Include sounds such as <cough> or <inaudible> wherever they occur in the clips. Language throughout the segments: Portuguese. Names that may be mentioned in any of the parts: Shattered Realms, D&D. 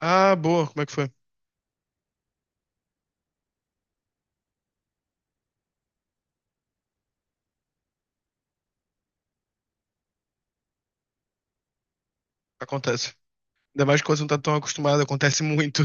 Ah, boa, como é que foi? Acontece. Ainda mais quando você não tá tão acostumado, acontece muito.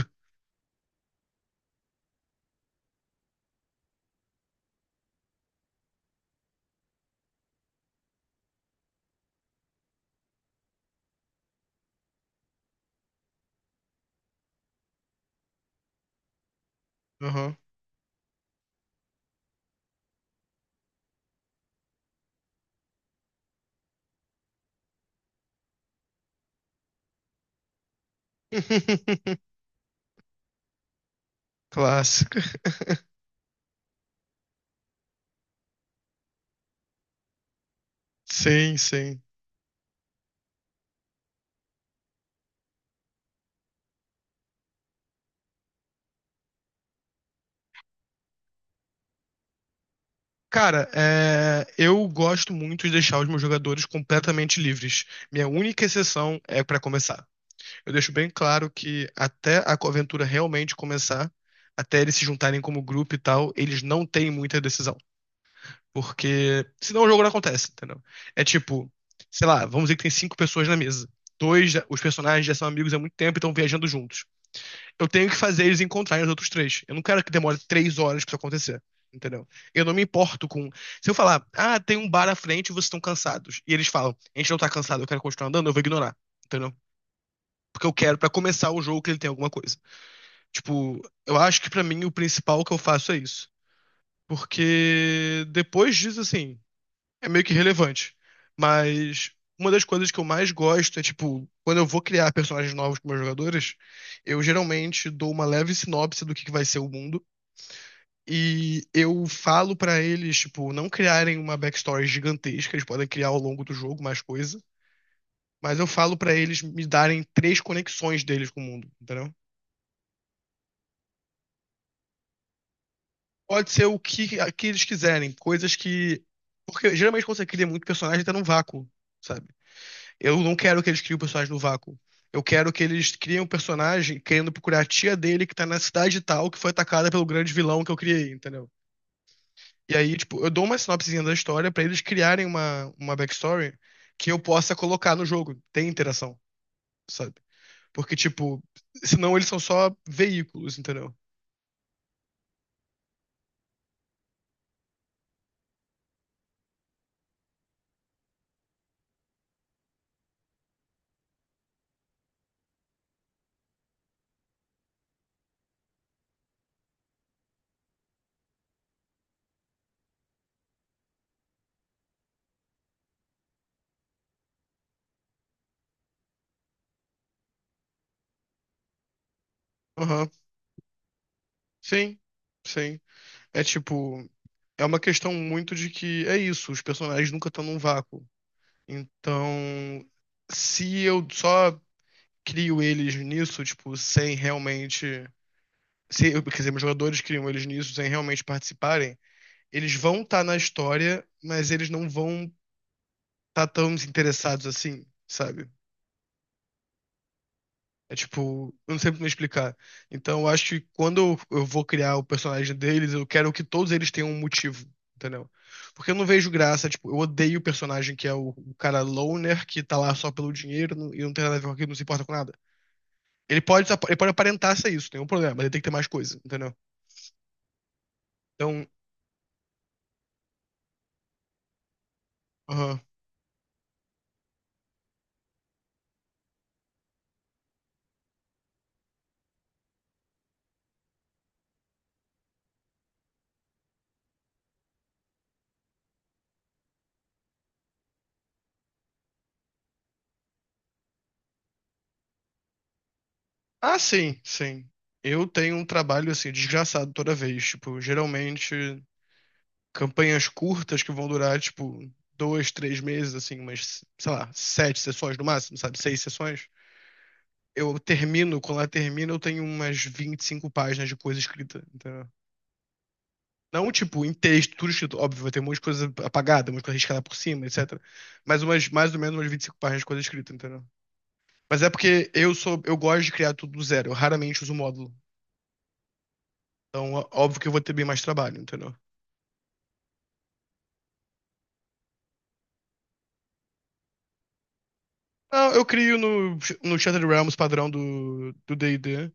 Aham. <laughs> Clássico. Sim, sim. Cara, é, eu gosto muito de deixar os meus jogadores completamente livres. Minha única exceção é pra começar. Eu deixo bem claro que até a aventura realmente começar, até eles se juntarem como grupo e tal, eles não têm muita decisão. Porque senão o jogo não acontece, entendeu? É tipo, sei lá, vamos dizer que tem cinco pessoas na mesa. Os personagens já são amigos há muito tempo e estão viajando juntos. Eu tenho que fazer eles encontrarem os outros três. Eu não quero que demore três horas pra isso acontecer, entendeu? Eu não me importo com. Se eu falar, ah, tem um bar à frente e vocês estão cansados. E eles falam, a gente não tá cansado, eu quero continuar andando, eu vou ignorar, entendeu? Porque eu quero pra começar o jogo que ele tem alguma coisa. Tipo, eu acho que pra mim o principal que eu faço é isso. Porque depois disso, assim é meio que irrelevante. Mas uma das coisas que eu mais gosto é, tipo, quando eu vou criar personagens novos com meus jogadores, eu geralmente dou uma leve sinopse do que vai ser o mundo. E eu falo pra eles, tipo, não criarem uma backstory gigantesca, eles podem criar ao longo do jogo mais coisa. Mas eu falo pra eles me darem três conexões deles com o mundo, entendeu? Pode ser o que, que eles quiserem, coisas que. Porque geralmente quando você cria muito personagem, tá num vácuo, sabe? Eu não quero que eles criem o personagem no vácuo. Eu quero que eles criem um personagem querendo procurar a tia dele que tá na cidade tal, que foi atacada pelo grande vilão que eu criei, entendeu? E aí, tipo, eu dou uma sinopsezinha da história pra eles criarem uma backstory que eu possa colocar no jogo. Tem interação, sabe? Porque, tipo, senão eles são só veículos, entendeu? Aham. Sim, sim. É tipo, é uma questão muito de que é isso, os personagens nunca estão num vácuo. Então, se eu só crio eles nisso, tipo, sem realmente. Se, quer dizer, meus jogadores criam eles nisso sem realmente participarem, eles vão estar na história, mas eles não vão estar tão interessados assim, sabe? É tipo, eu não sei muito me explicar. Então, eu acho que quando eu vou criar o personagem deles, eu quero que todos eles tenham um motivo, entendeu? Porque eu não vejo graça, tipo, eu odeio o personagem que é o cara loner, que tá lá só pelo dinheiro e não tem nada a ver com aquilo, não se importa com nada. Ele pode, ele pode aparentar ser isso, tem um problema, mas ele tem que ter mais coisa, entendeu? Então, aham. Ah, sim, sim. Eu tenho um trabalho, assim, desgraçado toda vez. Tipo, geralmente. Campanhas curtas que vão durar, tipo, dois, três meses, assim, umas, sei lá, sete sessões no máximo, sabe? Seis sessões. Eu termino, quando ela termina, eu tenho umas 25 páginas de coisa escrita, entendeu? Não, tipo, em texto, tudo escrito, óbvio, vai ter um monte de coisa apagada, um monte de coisa riscada por cima, etc. Mas umas, mais ou menos umas 25 páginas de coisa escrita, entendeu? Mas é porque eu sou, eu gosto de criar tudo do zero, eu raramente uso módulo. Então, óbvio que eu vou ter bem mais trabalho, entendeu? Não, eu crio no, no Shattered Realms padrão do D&D,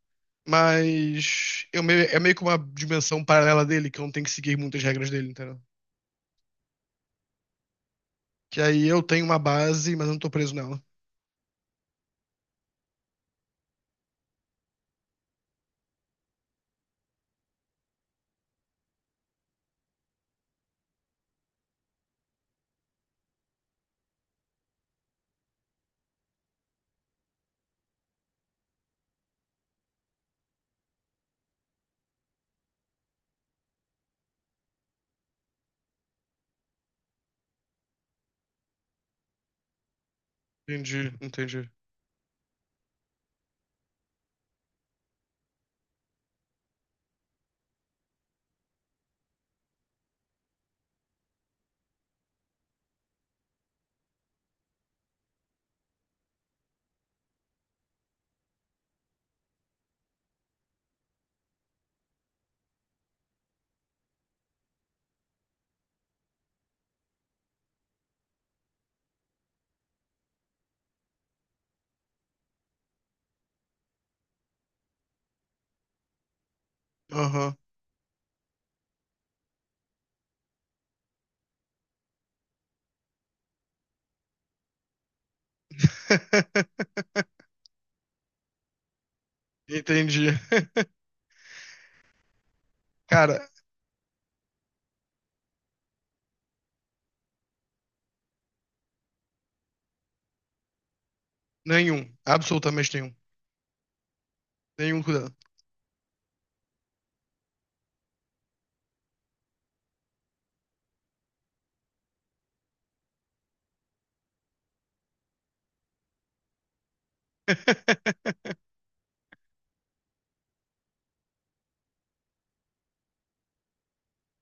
mas eu meio, é meio que uma dimensão paralela dele, que eu não tenho que seguir muitas regras dele, entendeu? Que aí eu tenho uma base, mas eu não tô preso nela. Entendi, entendi. Aham. <laughs> Entendi. <laughs> Cara, nenhum. Absolutamente nenhum. Nenhum cuidado. <laughs>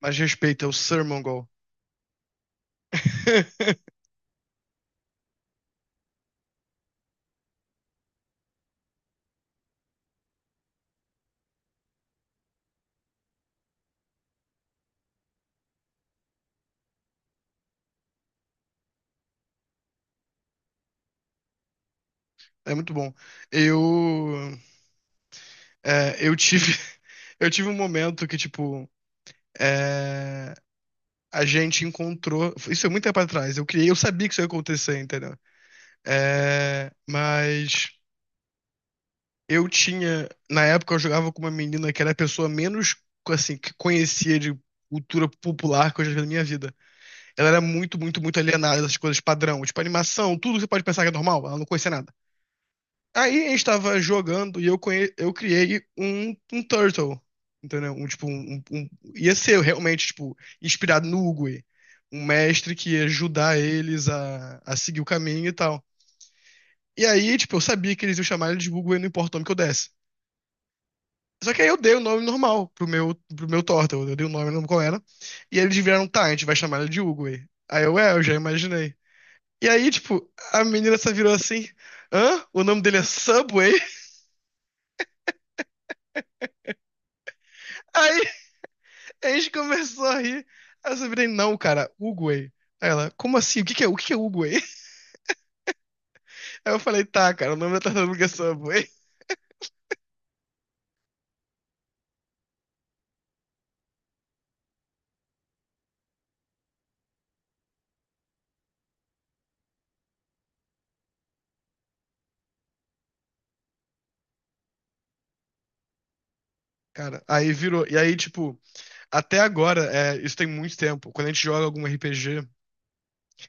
Mas respeita, é o Sir Mongol. <laughs> É muito bom. Eu, eu tive, <laughs> eu tive um momento que, tipo, é, a gente encontrou. Isso é muito tempo atrás. Eu criei, eu sabia que isso ia acontecer, entendeu? É, mas eu tinha. Na época eu jogava com uma menina que era a pessoa menos assim, que conhecia de cultura popular que eu já vi na minha vida. Ela era muito, muito, muito alienada dessas coisas padrão, tipo animação, tudo que você pode pensar que é normal, ela não conhecia nada. Aí a gente tava jogando e eu, conhe... eu criei um Turtle, entendeu? Um, tipo, um, ia ser realmente, tipo, inspirado no Uguay. Um mestre que ia ajudar eles a seguir o caminho e tal. E aí, tipo, eu sabia que eles iam chamar ele de Uguay, não importa o nome que eu desse. Só que aí eu dei o nome normal pro meu Turtle. Eu dei o nome, não lembro qual era. E eles vieram, tá, a gente vai chamar ele de Uguay. Aí eu, é, eu já imaginei. E aí, tipo, a menina só virou assim, hã? O nome dele é Subway? <laughs> Aí Aí a gente começou a rir. Aí eu só virei, não, cara, Uguay. Aí ela, como assim? O que que é Uguay? <laughs> Aí eu falei, tá, cara, o nome da tartaruga é Subway. Cara, aí virou. E aí, tipo, até agora, é, isso tem muito tempo. Quando a gente joga algum RPG,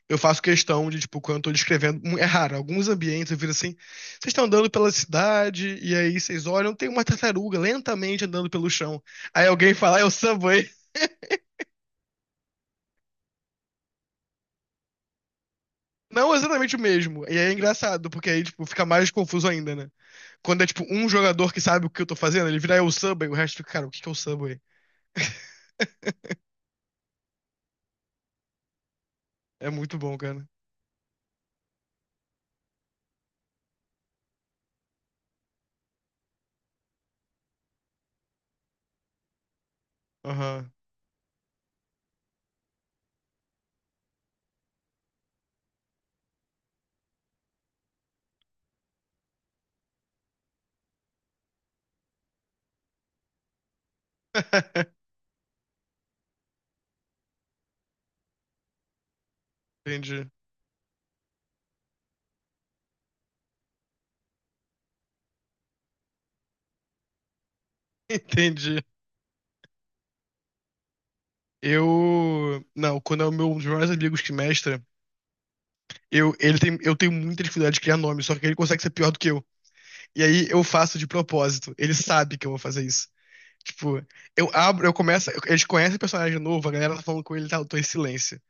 eu faço questão de, tipo, quando eu tô descrevendo, é raro, alguns ambientes eu viro assim, vocês estão andando pela cidade, e aí vocês olham, tem uma tartaruga lentamente andando pelo chão. Aí alguém fala, é o Subway. Não exatamente o mesmo. E aí é engraçado, porque aí, tipo, fica mais confuso ainda, né? Quando é tipo um jogador que sabe o que eu tô fazendo, ele vira eu Subway, o resto fica, cara, o que que é o Subway? É muito bom, cara. Aham. <laughs> Entendi. Entendi. Eu. Não, quando é o meu, um dos meus amigos que mestra, eu, ele tem, eu tenho muita dificuldade de criar nome, só que ele consegue ser pior do que eu. E aí eu faço de propósito. Ele sabe que eu vou fazer isso. Tipo, eu abro, eu começo. Eles conhecem o personagem novo, a galera tá falando com ele e tal, eu tô em silêncio.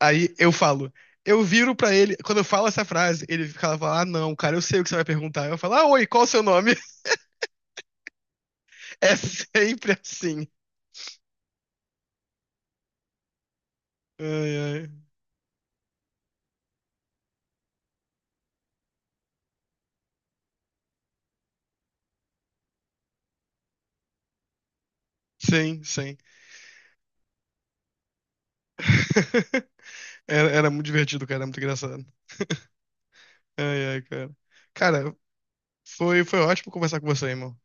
Aí eu falo, eu viro pra ele, quando eu falo essa frase, ele fica lá, fala, ah, não, cara, eu sei o que você vai perguntar. Eu falo, ah, oi, qual o seu nome? <laughs> É sempre assim. Ai, ai. Sim, sim. <laughs> Era muito divertido, cara, era muito engraçado. Ai, ai, cara. Cara, foi ótimo conversar com você, irmão.